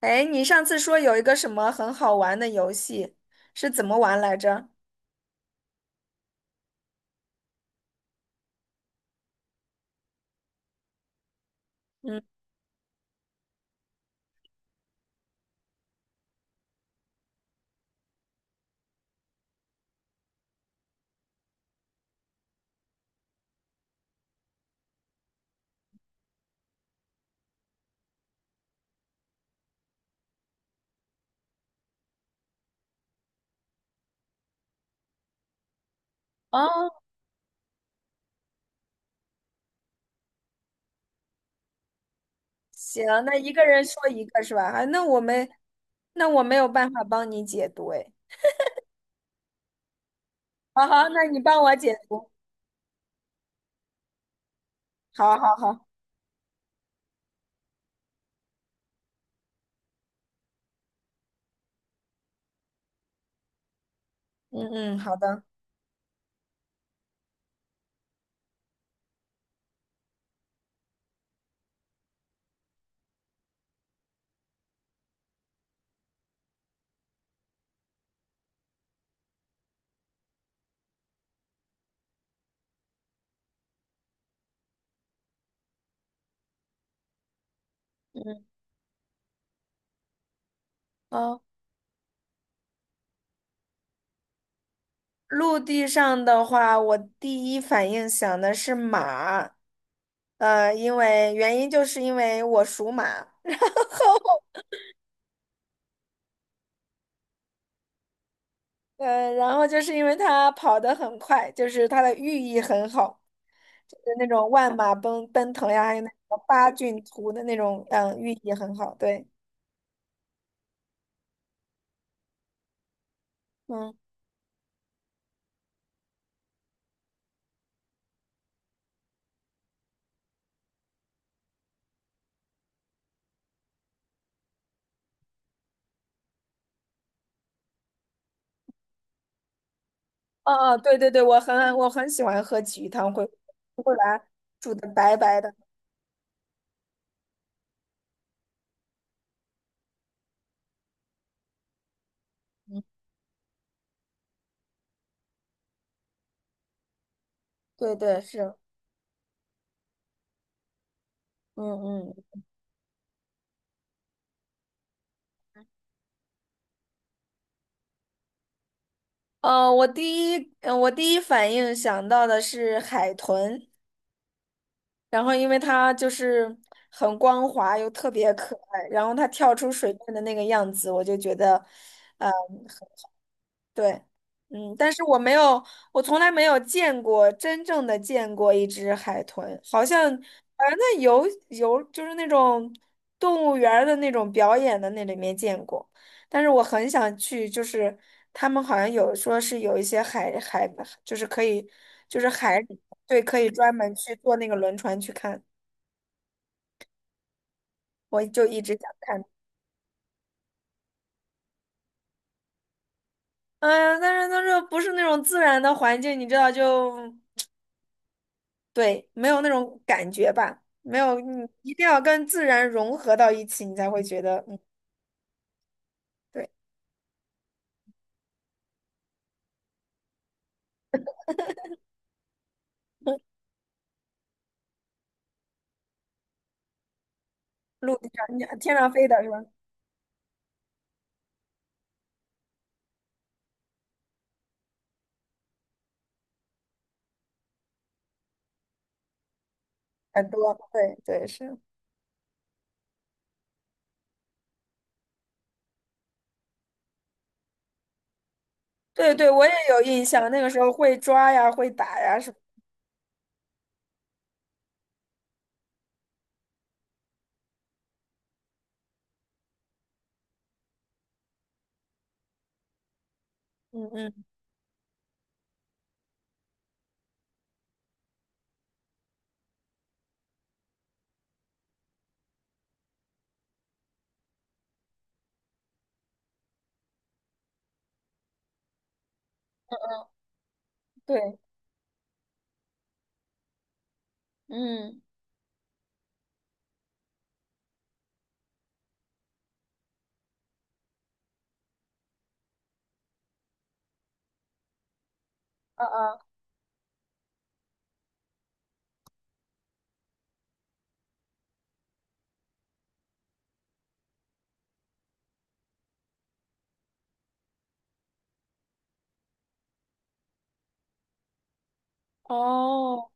哎，你上次说有一个什么很好玩的游戏，是怎么玩来着？嗯。哦，行，那一个人说一个是吧？啊，那我们那我没有办法帮你解读，哎，好好，那你帮我解读，好好好，嗯嗯，好的，嗯。哦，陆地上的话，我第一反应想的是马，因为原因就是因为我属马，然后就是因为它跑得很快，就是它的寓意很好。就那种万马奔腾呀，还有那个八骏图的那种，嗯，寓意很好。对，嗯。哦哦，对对对，我很喜欢喝鲫鱼汤，会把它煮的白白的。嗯，对对是，嗯嗯。我第一反应想到的是海豚，然后因为它就是很光滑又特别可爱，然后它跳出水面的那个样子，我就觉得，嗯、对，嗯，但是我没有，我从来没有见过真正的见过一只海豚，好像，那游就是那种动物园儿的那种表演的那里面见过，但是我很想去，就是他们好像有说是有一些海，就是可以，就是海里，对，可以专门去坐那个轮船去看，我就一直想看，嗯，但是它这不是那种自然的环境，你知道就。对，没有那种感觉吧，没有，你一定要跟自然融合到一起，你才会觉得，嗯，对。陆地上、你天上飞的是吧？很多，对对是，对对，我也有印象，那个时候会抓呀，会打呀，是，嗯嗯，对，嗯，啊啊。哦，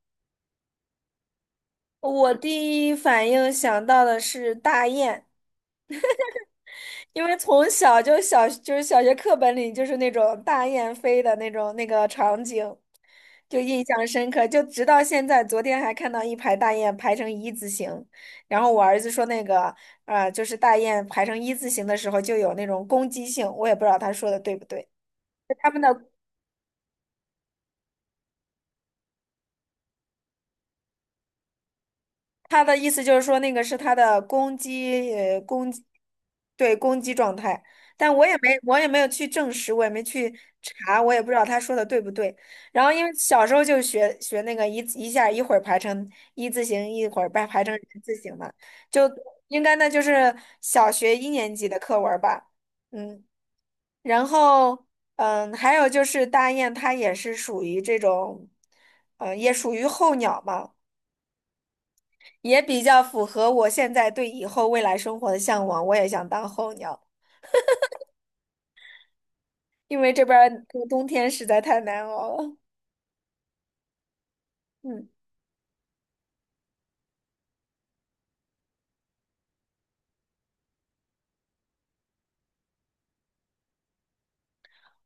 我第一反应想到的是大雁。因为从小就是小学课本里就是那种大雁飞的那种那个场景，就印象深刻。就直到现在，昨天还看到一排大雁排成一字形，然后我儿子说那个就是大雁排成一字形的时候就有那种攻击性，我也不知道他说的对不对。他们的他的意思就是说，那个是他的攻击，对，攻击状态。但我也没，我也没有去证实，我也没去查，我也不知道他说的对不对。然后因为小时候就学那个一字一下，一会儿排成一字形，一会儿排成人字形嘛，就应该那就是小学一年级的课文儿吧。嗯，然后嗯，还有就是大雁，它也是属于这种，也属于候鸟嘛。也比较符合我现在对以后未来生活的向往。我也想当候鸟，因为这边儿过冬天实在太难熬了。嗯。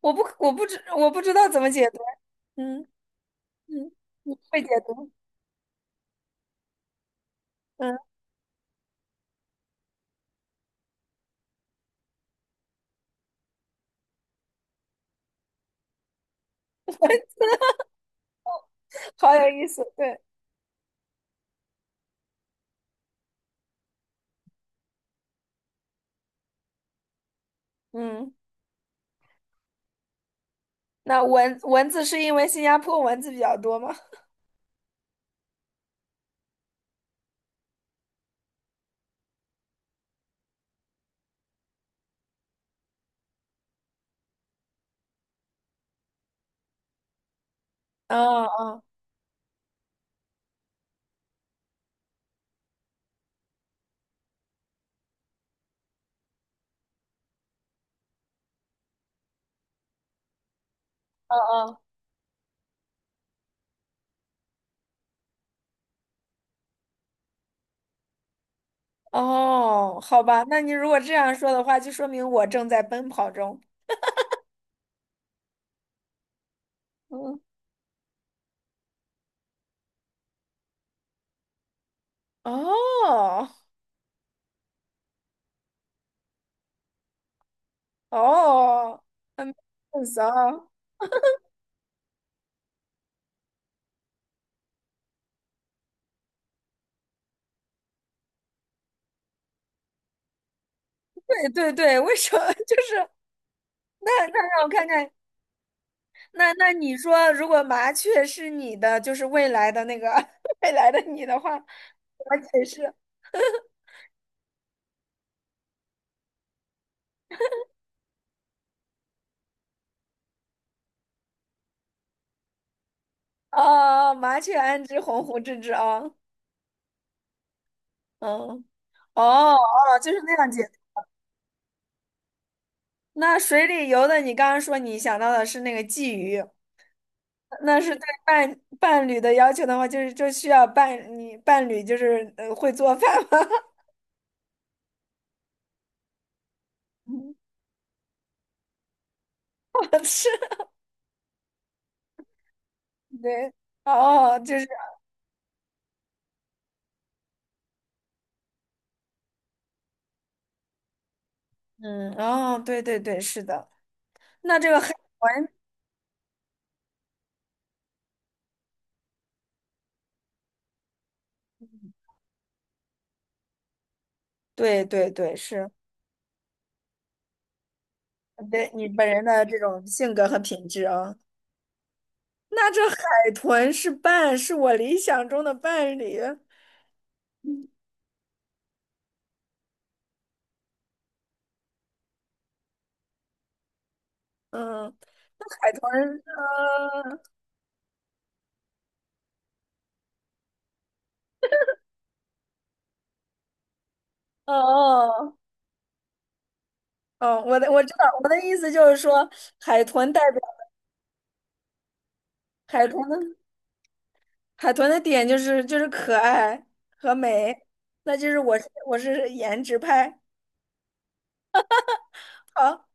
我不知道怎么解读。嗯嗯，你会解读？嗯，好有意思。对，嗯。那蚊子是因为新加坡蚊子比较多吗？嗯，嗯，嗯，嗯。哦，好吧，那你如果这样说的话，就说明我正在奔跑中。嗯。哦哦，很骚。对对对，为什么？就是那那让我看看。那那你说，如果麻雀是你的，就是未来的那个 未来的你的话，怎么解释？哦，麻雀安知鸿鹄之志啊？嗯，哦哦，就是那样解。那水里游的，你刚刚说你想到的是那个鲫鱼，那是对伴侣的要求的话，就是就需要伴你伴侣就是会做饭吗？是，我吃对，哦哦，就是。嗯，哦，对对对，是的。那这个海豚，对对对，是对你本人的这种性格和品质啊。那这海豚是伴，是我理想中的伴侣。嗯，那海豚，哦哦，哦我的我知道，我的意思就是说，海豚代表海豚的海豚的点就是就是可爱和美，那就是我是颜值派。好。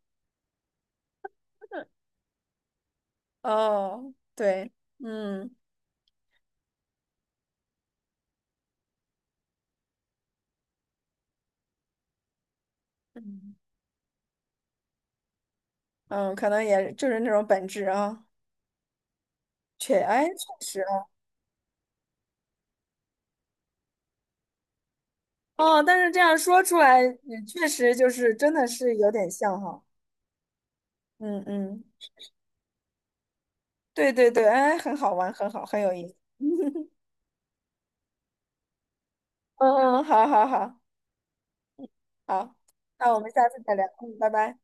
哦，对，嗯。嗯嗯，可能也就是那种本质啊，确实啊，哦，但是这样说出来，嗯确实就是真的是有点像哈，嗯嗯，对对对，哎，很好玩，很好，很有意思，嗯嗯，好好好好，那我们下次再聊，嗯，拜拜。